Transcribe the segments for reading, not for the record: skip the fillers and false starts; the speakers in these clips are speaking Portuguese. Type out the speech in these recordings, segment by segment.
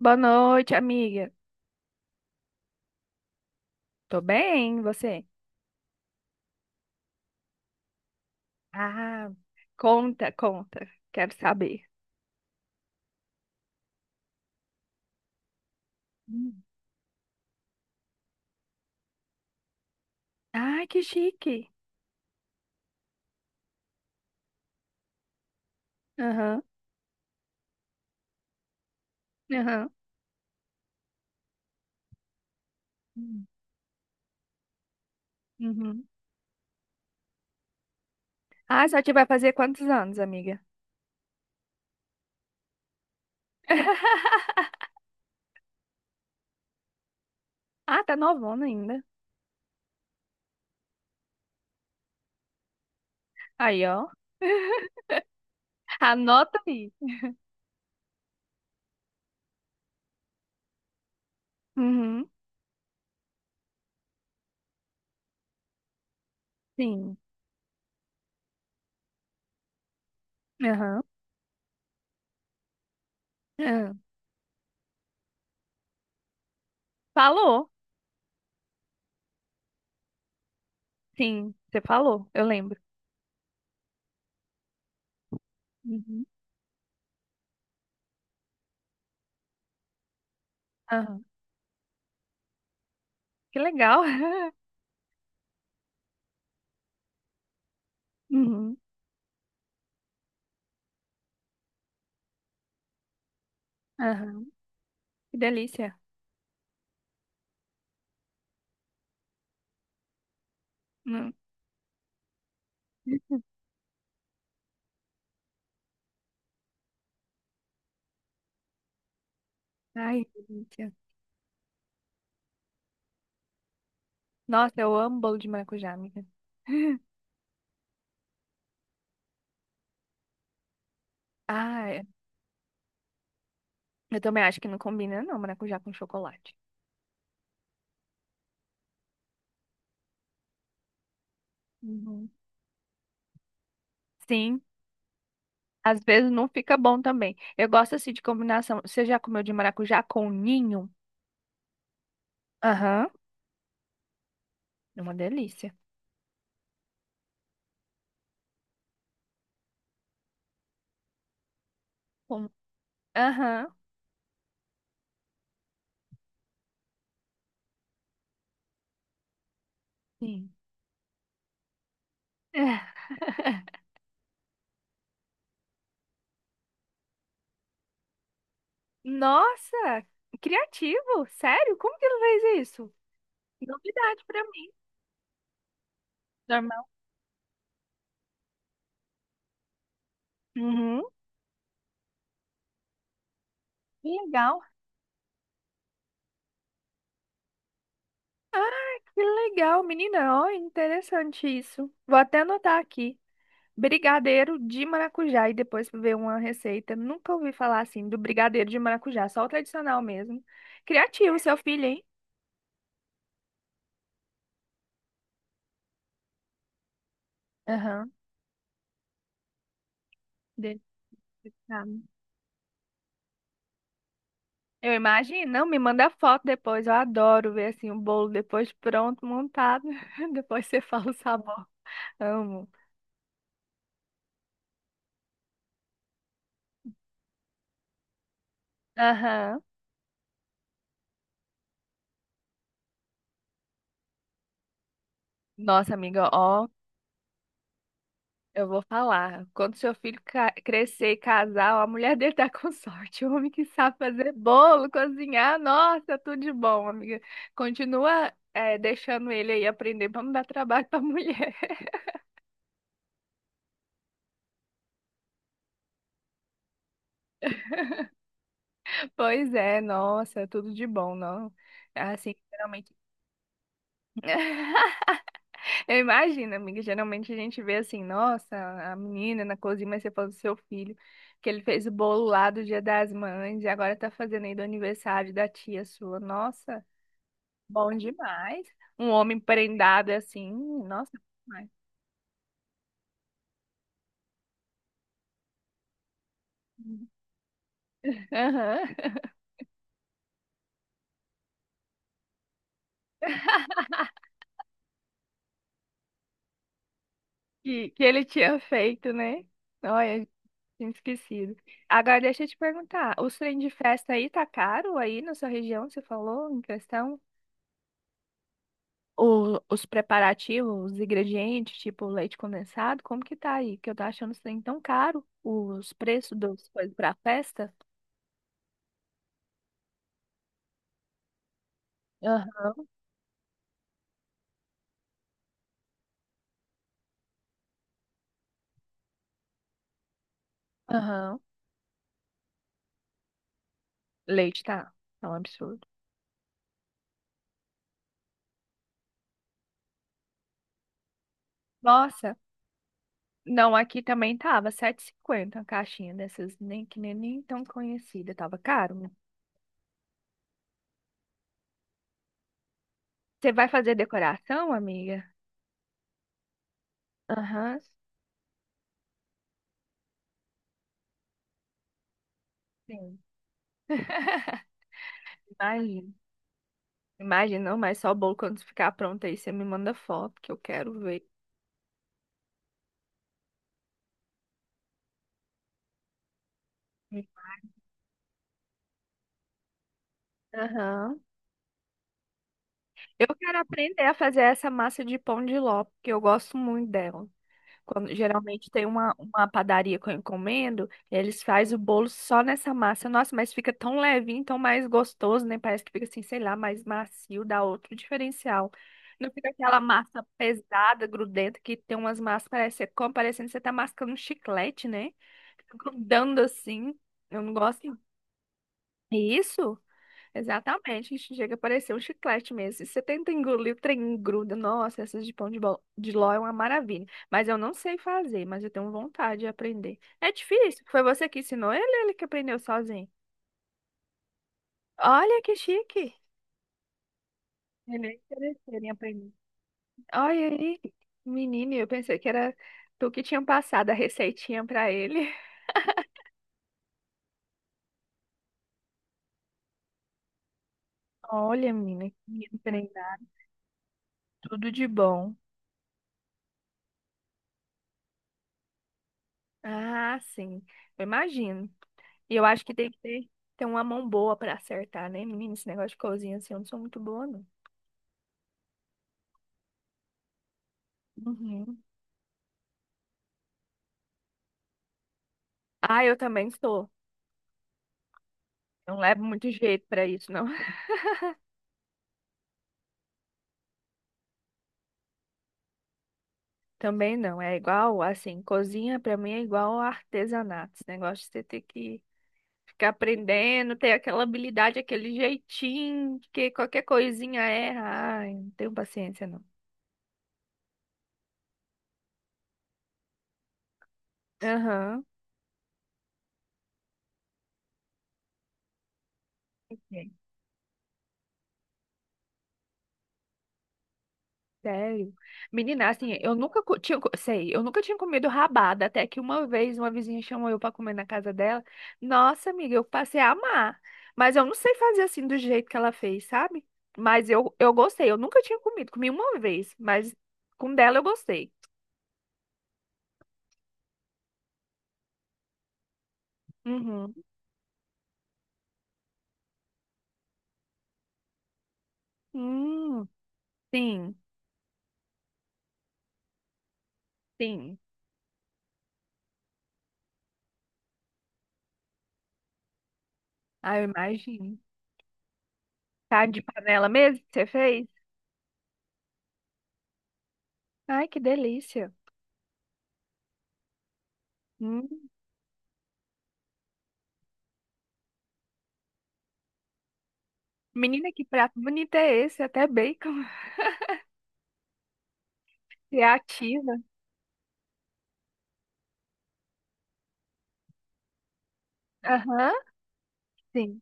Boa noite, amiga. Tô bem, e você? Ah, conta, conta. Quero saber. Hum. Ai, que chique. Aham, aham. Hum, uhum. Ah, só te vai fazer quantos anos, amiga? Ah, tá novona ainda. Aí, ó. Anota aí. Uhum, sim. Aham, aham. Falou. Sim, você falou, eu lembro. Uhum, aham. Que legal. Uhum, aham. Que delícia. Hum. Ai, que delícia. Nossa, eu amo bolo de maracujá, amiga. Ai, eu também acho que não combina, não, maracujá com chocolate. Uhum. Sim, às vezes não fica bom também. Eu gosto assim de combinação. Você já comeu de maracujá com ninho? Aham, é uma delícia. Com- Aham, sim. Nossa, criativo, sério? Como que ele fez isso? Novidade pra mim. Normal. Uhum. Que legal. Ah, que legal, menina. Ó, interessante isso. Vou até anotar aqui. Brigadeiro de maracujá e depois ver uma receita. Nunca ouvi falar assim do brigadeiro de maracujá, só o tradicional mesmo. Criativo, seu filho, hein? Aham, dele. Ah, eu imagino, não, me manda foto depois. Eu adoro ver assim o bolo depois pronto, montado. Depois você fala o sabor. Amo. Aham. Nossa, amiga, ó. Eu vou falar. Quando seu filho crescer e casar, ó, a mulher dele tá com sorte. O homem que sabe fazer bolo, cozinhar, nossa, tudo de bom, amiga. Continua, deixando ele aí aprender pra não dar trabalho pra mulher. Pois é, nossa, tudo de bom, não. Assim, geralmente. Eu imagino, amiga, geralmente a gente vê assim, nossa, a menina na cozinha, mas você falou do seu filho, que ele fez o bolo lá do Dia das Mães e agora tá fazendo aí do aniversário da tia sua. Nossa. Bom demais. Um homem prendado assim, nossa, demais. Aham. Que ele tinha feito, né? Olha, tinha esquecido. Agora deixa eu te perguntar, os trem de festa aí tá caro aí na sua região, você falou em questão? O, os preparativos, os ingredientes, tipo leite condensado, como que tá aí? Que eu tô achando os trem tão caro, os preços das coisas pra festa. Aham. Aham. Leite tá, tá um absurdo. Nossa, não, aqui também tava sete e cinquenta, a caixinha dessas, nem que nem, nem tão conhecida, tava caro, né? Você vai fazer decoração, amiga? Aham, sim. Imagina. Imagina, não, mas só o bolo quando ficar pronto aí, você me manda foto que eu quero ver. Aham. Eu quero aprender a fazer essa massa de pão de ló, porque eu gosto muito dela. Quando, geralmente tem uma padaria que eu encomendo, eles fazem o bolo só nessa massa. Nossa, mas fica tão levinho, tão mais gostoso, né? Parece que fica assim, sei lá, mais macio, dá outro diferencial. Não fica aquela massa pesada, grudenta, que tem umas massas, parece que você come, parecendo que você tá mascando um chiclete, né? Fica grudando assim. Eu não gosto. É isso? Exatamente, isso chega a parecer um chiclete mesmo. E você tenta engolir, o trem gruda. Nossa, essas de pão de ló é uma maravilha. Mas eu não sei fazer, mas eu tenho vontade de aprender. É difícil? Foi você que ensinou ele, ou ele que aprendeu sozinho? Olha que chique. Ele é interesseiro em aprender. Olha aí, menino, eu pensei que era tu que tinha passado a receitinha pra ele. Olha, menina, que menino treinado. Tudo de bom. Ah, sim, eu imagino. E eu acho que tem que ter uma mão boa pra acertar, né, menina? Esse negócio de cozinha, assim, eu não sou muito boa, não. Uhum. Ah, eu também sou. Não levo muito jeito pra isso, não. Também não. É igual, assim, cozinha pra mim é igual artesanato. Esse negócio de você ter que ficar aprendendo, ter aquela habilidade, aquele jeitinho, que qualquer coisinha erra. Ai, não tenho paciência, não. Aham. Sério. Menina, assim, eu nunca tinha comido rabada, até que uma vez uma vizinha chamou eu para comer na casa dela. Nossa, amiga, eu passei a amar. Mas eu não sei fazer assim do jeito que ela fez, sabe? Mas eu gostei, eu nunca tinha comido, comi uma vez, mas com dela eu gostei. Uhum. Hum, sim, sim. Ah, eu imagino. Tá de panela mesmo que você fez? Ai, que delícia. Hum. Menina, que prato bonito é esse? Até bacon. Criativa. Aham. Sim.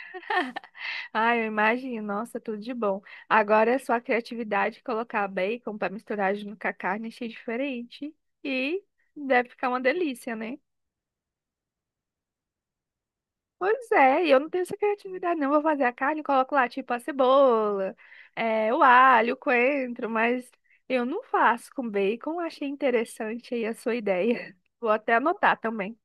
Ah, eu imagino. Nossa, tudo de bom. Agora é só a criatividade colocar bacon para misturar junto com a carne, achei diferente. E deve ficar uma delícia, né? Pois é, e eu não tenho essa criatividade, não. Vou fazer a carne, coloco lá, tipo, a cebola, é, o alho, o coentro, mas eu não faço com bacon. Achei interessante aí a sua ideia. Vou até anotar também.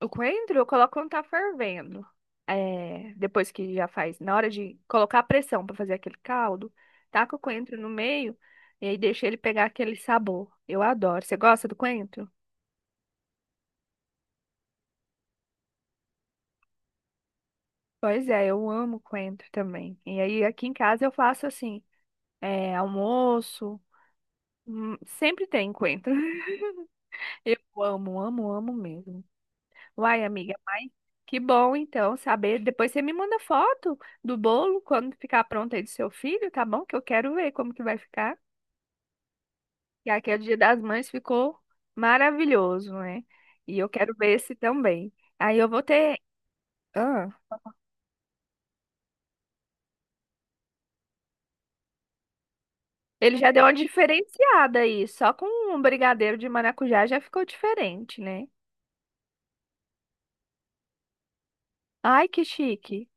O coentro eu coloco quando tá fervendo. É, depois que já faz, na hora de colocar a pressão pra fazer aquele caldo, taca o coentro no meio e aí deixa ele pegar aquele sabor. Eu adoro. Você gosta do coentro? Pois é, eu amo coentro também. E aí aqui em casa eu faço assim, é, almoço, sempre tem coentro. Eu amo, amo, amo mesmo. Uai, amiga, mas que bom então saber. Depois você me manda foto do bolo quando ficar pronto aí do seu filho, tá bom? Que eu quero ver como que vai ficar. E aqui é o Dia das Mães ficou maravilhoso, né? E eu quero ver esse também. Aí eu vou ter. Ah, ele já deu uma diferenciada aí, só com um brigadeiro de maracujá já ficou diferente, né? Ai, que chique.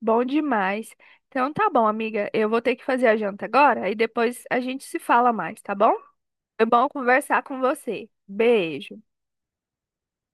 Bom demais. Então tá bom, amiga. Eu vou ter que fazer a janta agora e depois a gente se fala mais, tá bom? Foi bom conversar com você. Beijo.